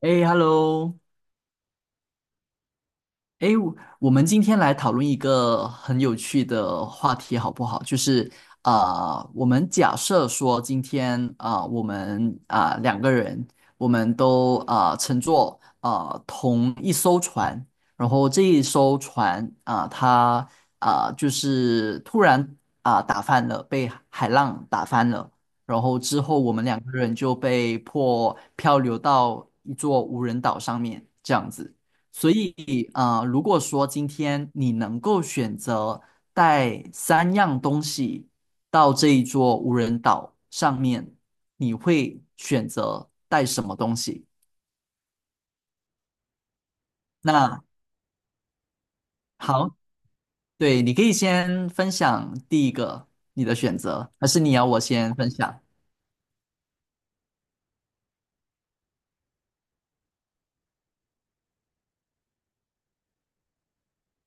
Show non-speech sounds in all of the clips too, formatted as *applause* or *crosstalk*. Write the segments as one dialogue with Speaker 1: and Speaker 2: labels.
Speaker 1: 哎，hello，哎，我我们今天来讨论一个很有趣的话题，好不好？就是啊、我们假设说今天我们两个人，我们都乘坐同一艘船，然后这一艘船它就是突然打翻了，被海浪打翻了，然后之后我们两个人就被迫漂流到一座无人岛上面，这样子。所以，啊，如果说今天你能够选择带三样东西到这一座无人岛上面，你会选择带什么东西？那好，对，你可以先分享第一个你的选择，还是你要我先分享？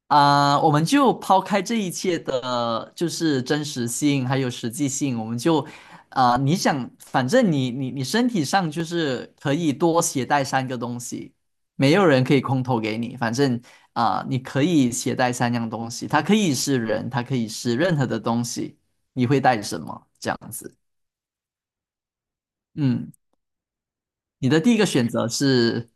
Speaker 1: 我们就抛开这一切的，就是真实性还有实际性，我们就你想，反正你身体上就是可以多携带三个东西，没有人可以空投给你，反正你可以携带三样东西，它可以是人，它可以是任何的东西，你会带什么？这样子。嗯，你的第一个选择是，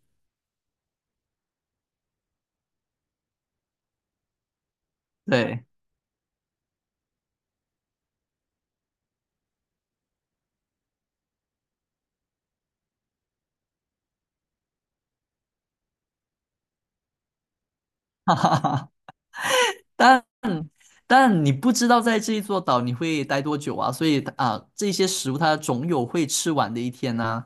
Speaker 1: 对。*laughs* 哈哈哈。但。但你不知道在这一座岛你会待多久啊，所以啊，这些食物它总有会吃完的一天呐。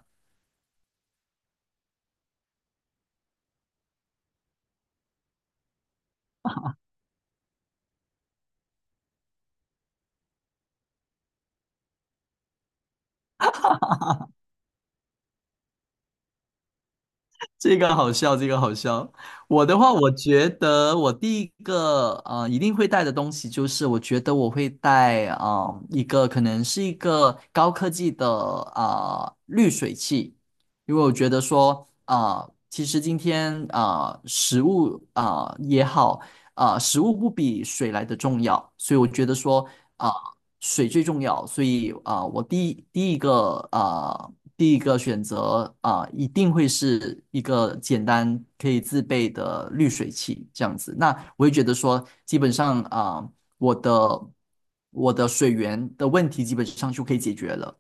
Speaker 1: 这个好笑，这个好笑。我的话，我觉得我第一个啊一定会带的东西就是，我觉得我会带一个可能是一个高科技的滤水器，因为我觉得说其实今天食物也好。食物不比水来的重要，所以我觉得说，啊，水最重要，所以啊，我第一个啊，第一个选择啊，一定会是一个简单可以自备的滤水器这样子。那我会觉得说，基本上啊，我的我的水源的问题基本上就可以解决了。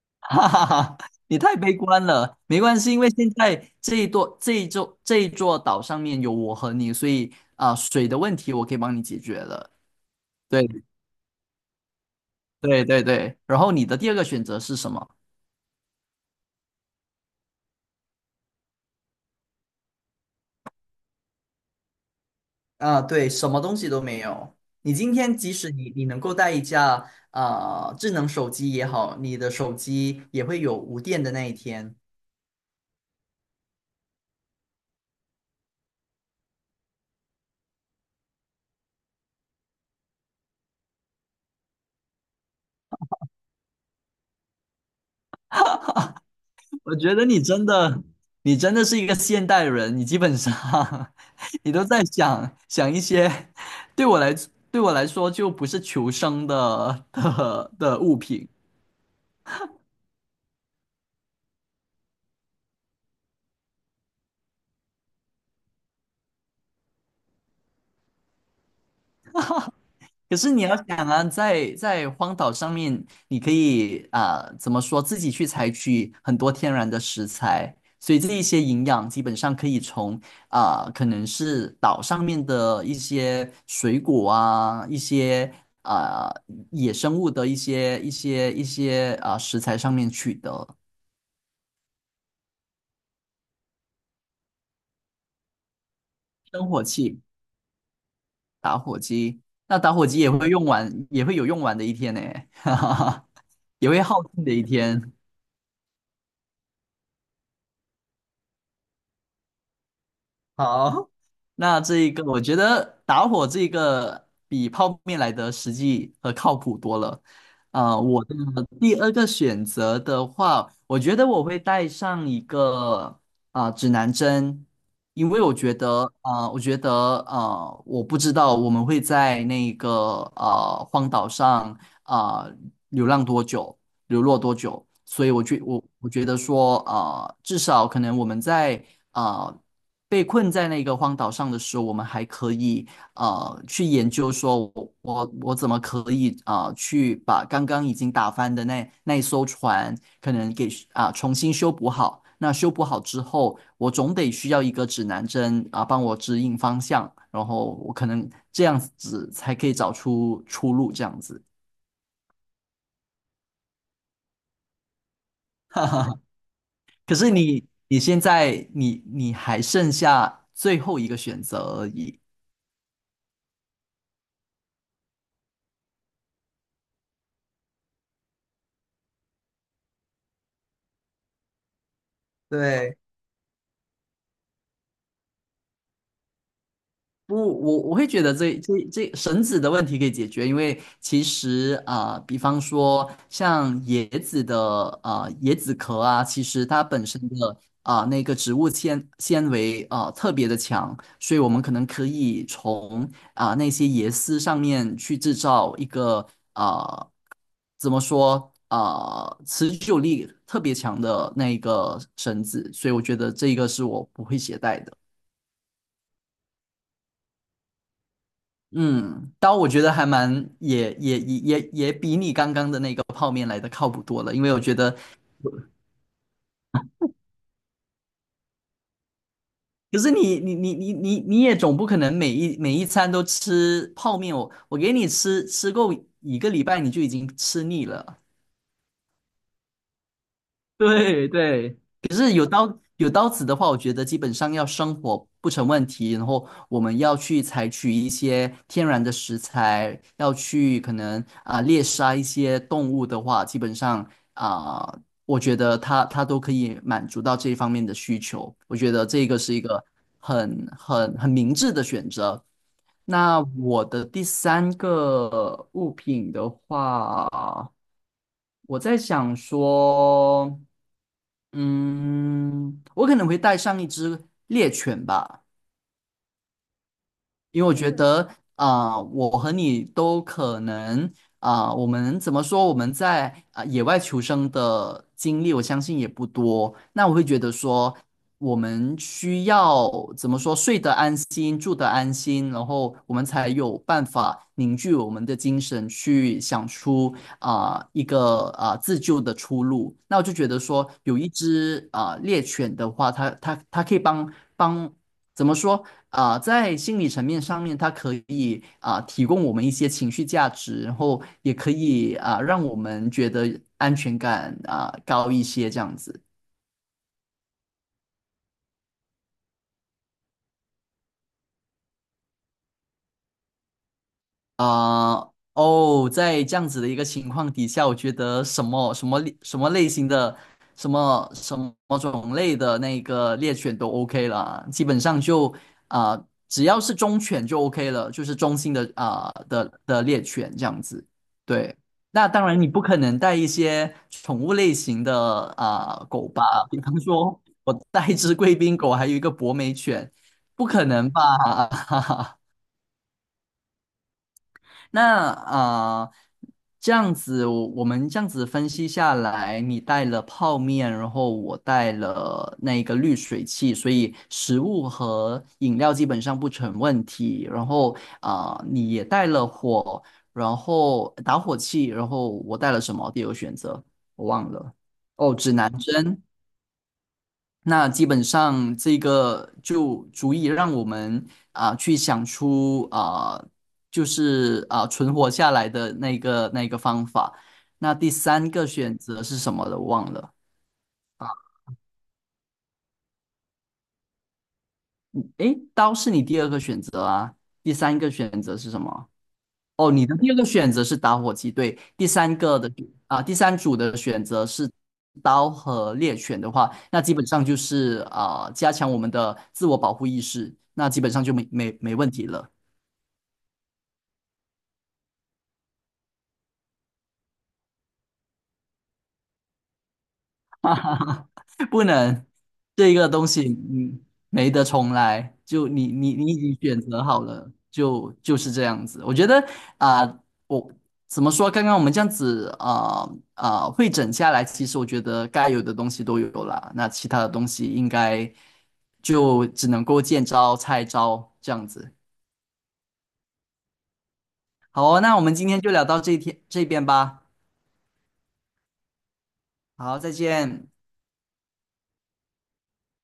Speaker 1: *laughs* 哈哈哈，你太悲观了，没关系，因为现在这一座岛上面有我和你，所以啊，水的问题我可以帮你解决了。对。对对对，然后你的第二个选择是什么？啊，对，什么东西都没有。你今天即使你能够带一架智能手机也好，你的手机也会有无电的那一天。我觉得你真的，你真的是一个现代人，你基本上 *laughs* 你都在想想一些，对我来对我来说就不是求生的物品。可是你要想啊，在荒岛上面，你可以怎么说，自己去采取很多天然的食材，所以这一些营养基本上可以从可能是岛上面的一些水果啊，一些啊、野生物的一些食材上面取得。生火器、打火机，那打火机也会用完，也会有用完的一天呢，*laughs* 哈哈哈，也会耗尽的一天。*laughs* 好，那这一个我觉得打火这个比泡面来的实际和靠谱多了。我的第二个选择的话，我觉得我会带上一个指南针，因为我觉得啊、我觉得啊、我不知道我们会在那个啊荒岛上啊、流浪多久，流落多久，所以我觉得说啊、至少可能我们在。啊、被困在那个荒岛上的时候，我们还可以啊去研究说我，我怎么可以去把刚刚已经打翻的那一艘船，可能给重新修补好。那修补好之后，我总得需要一个指南针啊、帮我指引方向，然后我可能这样子才可以找出出路，这样子。*laughs* 哈哈，可是你现在你还剩下最后一个选择而已。对。不，我会觉得这绳子的问题可以解决，因为其实比方说像椰子的啊椰子壳啊，其实它本身的那个植物纤维特别的强，所以我们可能可以从那些椰丝上面去制造一个啊、呃怎么说持久力特别强的那一个绳子，所以我觉得这个是我不会携带的。嗯，但我觉得还蛮也比你刚刚的那个泡面来的靠谱多了，因为我觉得，可是你也总不可能每一餐都吃泡面，我给你吃够一个礼拜你就已经吃腻了。*laughs* 对对，可是有刀子的话，我觉得基本上要生火不成问题。然后我们要去采取一些天然的食材，要去可能猎杀一些动物的话，基本上啊、我觉得它都可以满足到这方面的需求。我觉得这个是一个很明智的选择。那我的第三个物品的话，我在想说。嗯，我可能会带上一只猎犬吧。因为我觉得我和你都可能我们怎么说？我们在野外求生的经历，我相信也不多。那我会觉得说，我们需要怎么说？睡得安心，住得安心，然后我们才有办法凝聚我们的精神，去想出啊、一个啊、自救的出路。那我就觉得说，有一只猎犬的话，它可以帮帮。怎么说？在心理层面上面，它可以提供我们一些情绪价值，然后也可以让我们觉得安全感啊、高一些这样子。啊、哦，在这样子的一个情况底下，我觉得什么什么类什么类型的、什么什么种类的那个猎犬都 OK 了，基本上就啊、只要是忠犬就 OK 了，就是中心的啊、的的猎犬这样子。对，那当然你不可能带一些宠物类型的狗吧，比方说我带一只贵宾狗，还有一个博美犬，不可能吧？*laughs* 那啊，这样子我们这样子分析下来，你带了泡面，然后我带了那个滤水器，所以食物和饮料基本上不成问题。然后你也带了火，然后打火器，然后我带了什么？第二个选择我忘了。哦，指南针。那基本上这个就足以让我们去想出就是啊、存活下来的那个方法。那第三个选择是什么的？我忘了。诶，刀是你第二个选择啊，第三个选择是什么？哦，你的第二个选择是打火机，对，第三个的第三组的选择是刀和猎犬的话，那基本上就是加强我们的自我保护意识，那基本上就没问题了。不能这个东西，嗯，没得重来。就你已经选择好了，就就是这样子。我觉得啊、我怎么说？刚刚我们这样子会诊下来，其实我觉得该有的东西都有了，那其他的东西应该就只能够见招拆招这样子。好哦那我们今天就聊到这一天这边吧。好，再见。